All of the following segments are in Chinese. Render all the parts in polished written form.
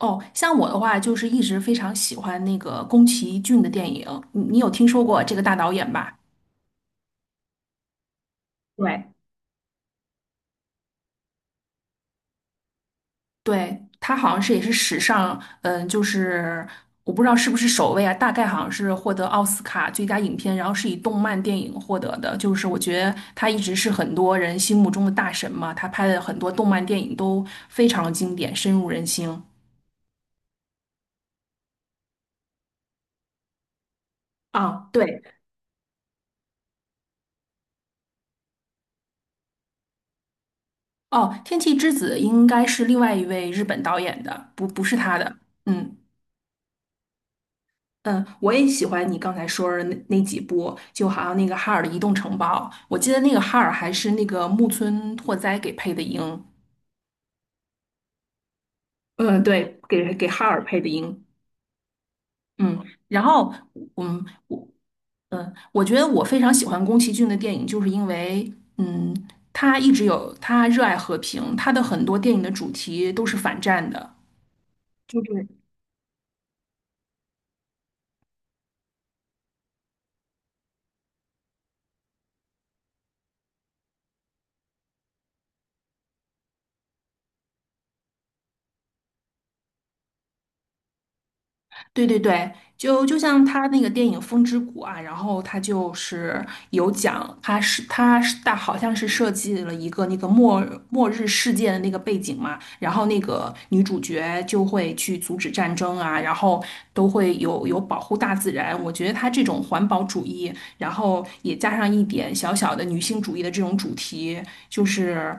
哦，像我的话，就是一直非常喜欢那个宫崎骏的电影，你有听说过这个大导演吧？对，对，他好像是也是史上，嗯，就是我不知道是不是首位啊，大概好像是获得奥斯卡最佳影片，然后是以动漫电影获得的。就是我觉得他一直是很多人心目中的大神嘛，他拍的很多动漫电影都非常经典，深入人心。啊，对，哦，《天气之子》应该是另外一位日本导演的，不是他的。嗯。嗯，我也喜欢你刚才说的那几部，就好像那个哈尔的《移动城堡》，我记得那个哈尔还是那个木村拓哉给配的音。嗯，对，给哈尔配的音。嗯，然后嗯，我我觉得我非常喜欢宫崎骏的电影，就是因为嗯，他一直有他热爱和平，他的很多电影的主题都是反战的。就是对对对，就像他那个电影《风之谷》啊，然后他就是有讲，他好像是设计了一个那个末日世界的那个背景嘛，然后那个女主角就会去阻止战争啊，然后都会有保护大自然。我觉得他这种环保主义，然后也加上一点小小的女性主义的这种主题，就是。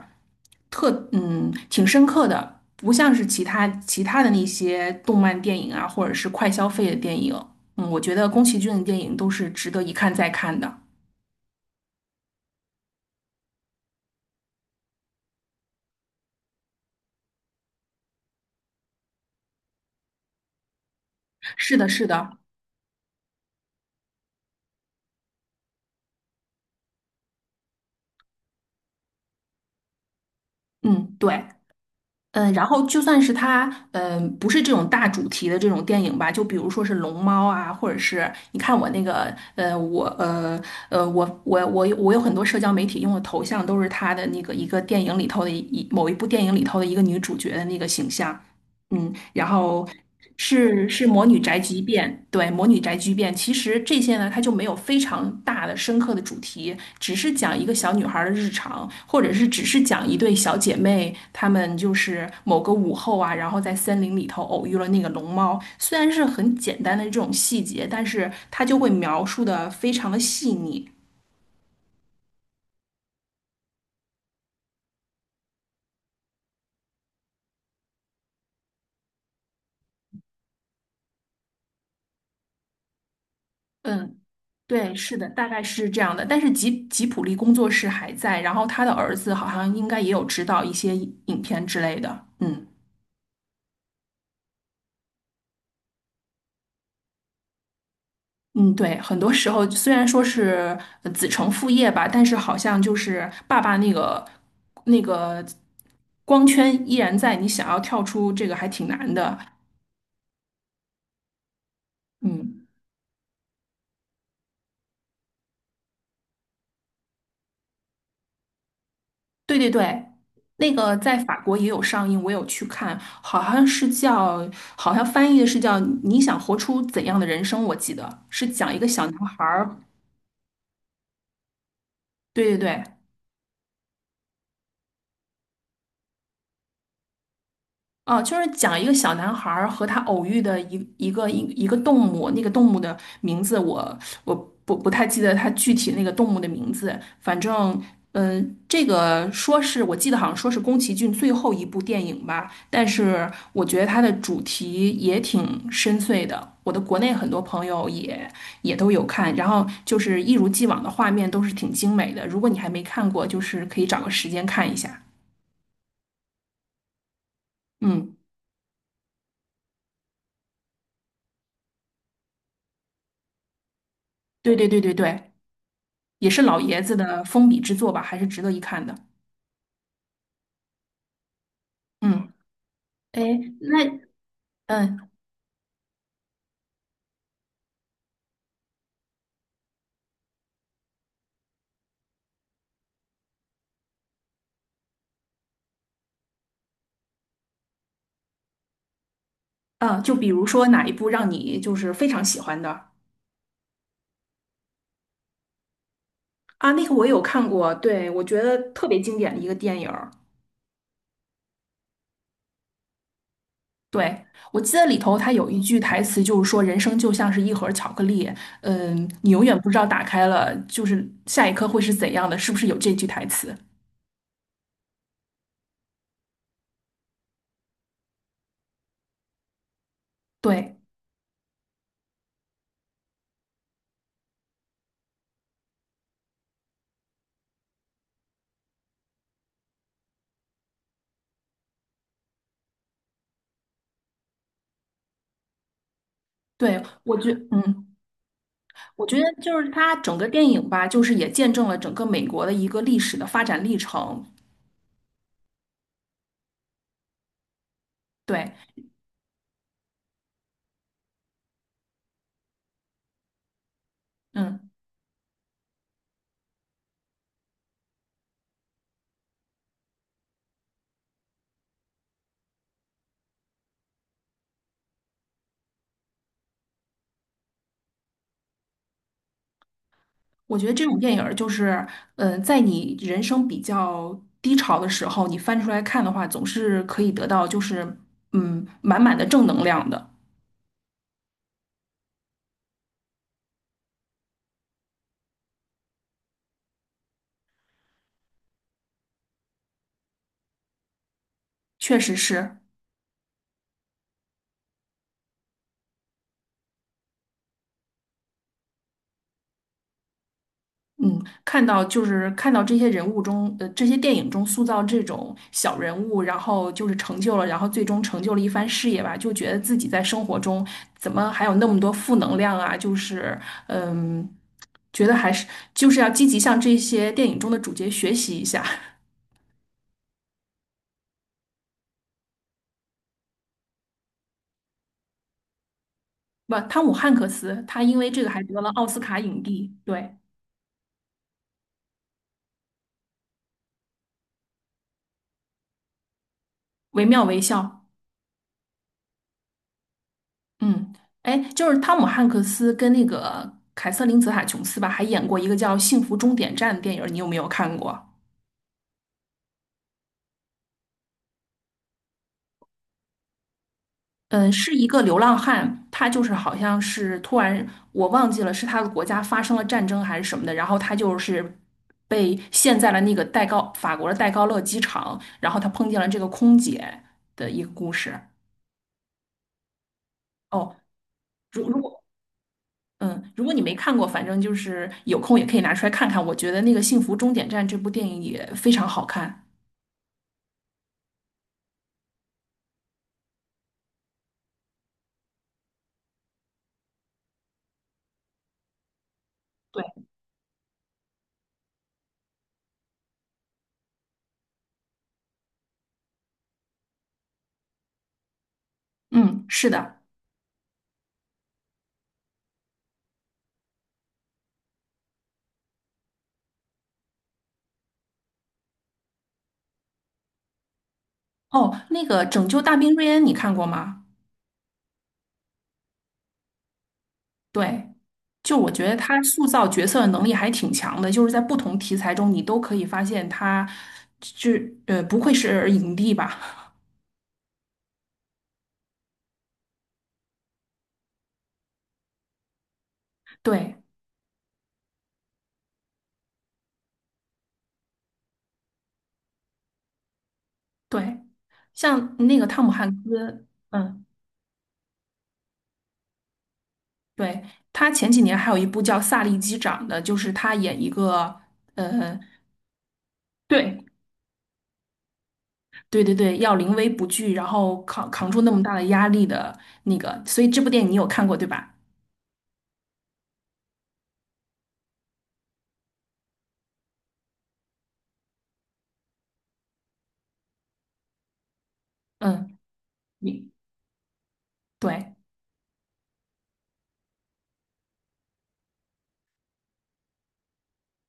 挺深刻的，不像是其他的那些动漫电影啊，或者是快消费的电影。嗯，我觉得宫崎骏的电影都是值得一看再看的。是的，是的，嗯，对，嗯，然后就算是他，嗯，不是这种大主题的这种电影吧，就比如说是龙猫啊，或者是你看我那个，我有很多社交媒体用的头像都是他的那个一个电影里头的某一部电影里头的一个女主角的那个形象。嗯，然后是魔女宅急便，对，魔女宅急便。其实这些呢，它就没有非常大的深刻的主题，只是讲一个小女孩儿的日常，或者是只是讲一对小姐妹，她们就是某个午后啊，然后在森林里头偶遇了那个龙猫。虽然是很简单的这种细节，但是它就会描述的非常的细腻。嗯。对，是的，大概是这样的。但是吉普力工作室还在，然后他的儿子好像应该也有指导一些影片之类的。嗯嗯，对，很多时候虽然说是子承父业吧，但是好像就是爸爸那个光圈依然在，你想要跳出这个还挺难的。嗯。对对对，那个在法国也有上映，我有去看，好像是叫，好像翻译的是叫《你想活出怎样的人生》，我记得是讲一个小男孩儿，对对对，哦，就是讲一个小男孩儿和他偶遇的一个动物，那个动物的名字我不太记得它具体那个动物的名字，反正这个说是我记得好像说是宫崎骏最后一部电影吧，但是我觉得它的主题也挺深邃的，我的国内很多朋友也都有看，然后就是一如既往的画面都是挺精美的，如果你还没看过，就是可以找个时间看一下。嗯，对对对对对。也是老爷子的封笔之作吧，还是值得一看的。嗯，哎，那嗯啊，就比如说哪一部让你就是非常喜欢的？啊，那个我也有看过，对，我觉得特别经典的一个电影儿。对，我记得里头它有一句台词，就是说人生就像是一盒巧克力，嗯，你永远不知道打开了就是下一刻会是怎样的，是不是有这句台词？对。对，我觉得就是它整个电影吧，就是也见证了整个美国的一个历史的发展历程。对，嗯，我觉得这种电影儿就是，嗯，在你人生比较低潮的时候，你翻出来看的话，总是可以得到就是，嗯，满满的正能量的。确实是，嗯，看到这些人物中，这些电影中塑造这种小人物，然后就是成就了，然后最终成就了一番事业吧，就觉得自己在生活中怎么还有那么多负能量啊？就是，嗯，觉得还是就是要积极向这些电影中的主角学习一下。不，汤姆汉克斯，他因为这个还得了奥斯卡影帝，对，惟妙惟肖。嗯，哎，就是汤姆汉克斯跟那个凯瑟琳·泽塔·琼斯吧，还演过一个叫《幸福终点站》的电影儿，你有没有看过？嗯，是一个流浪汉，他就是好像是突然我忘记了是他的国家发生了战争还是什么的，然后他就是被陷在了那个法国的戴高乐机场，然后他碰见了这个空姐的一个故事。哦，如如果嗯，如果你没看过，反正就是有空也可以拿出来看看。我觉得那个《幸福终点站》这部电影也非常好看。对，嗯，是的。哦，那个《拯救大兵瑞恩》你看过吗？对，就我觉得他塑造角色的能力还挺强的，就是在不同题材中，你都可以发现他是不愧是影帝吧？对对，像那个汤姆汉斯，嗯，对，他前几年还有一部叫《萨利机长》的，就是他演一个呃。对，对对对，要临危不惧，然后扛住那么大的压力的那个，所以这部电影你有看过对吧？嗯，你对，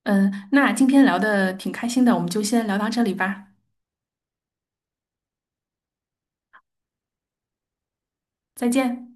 嗯，那今天聊的挺开心的，我们就先聊到这里吧，再见。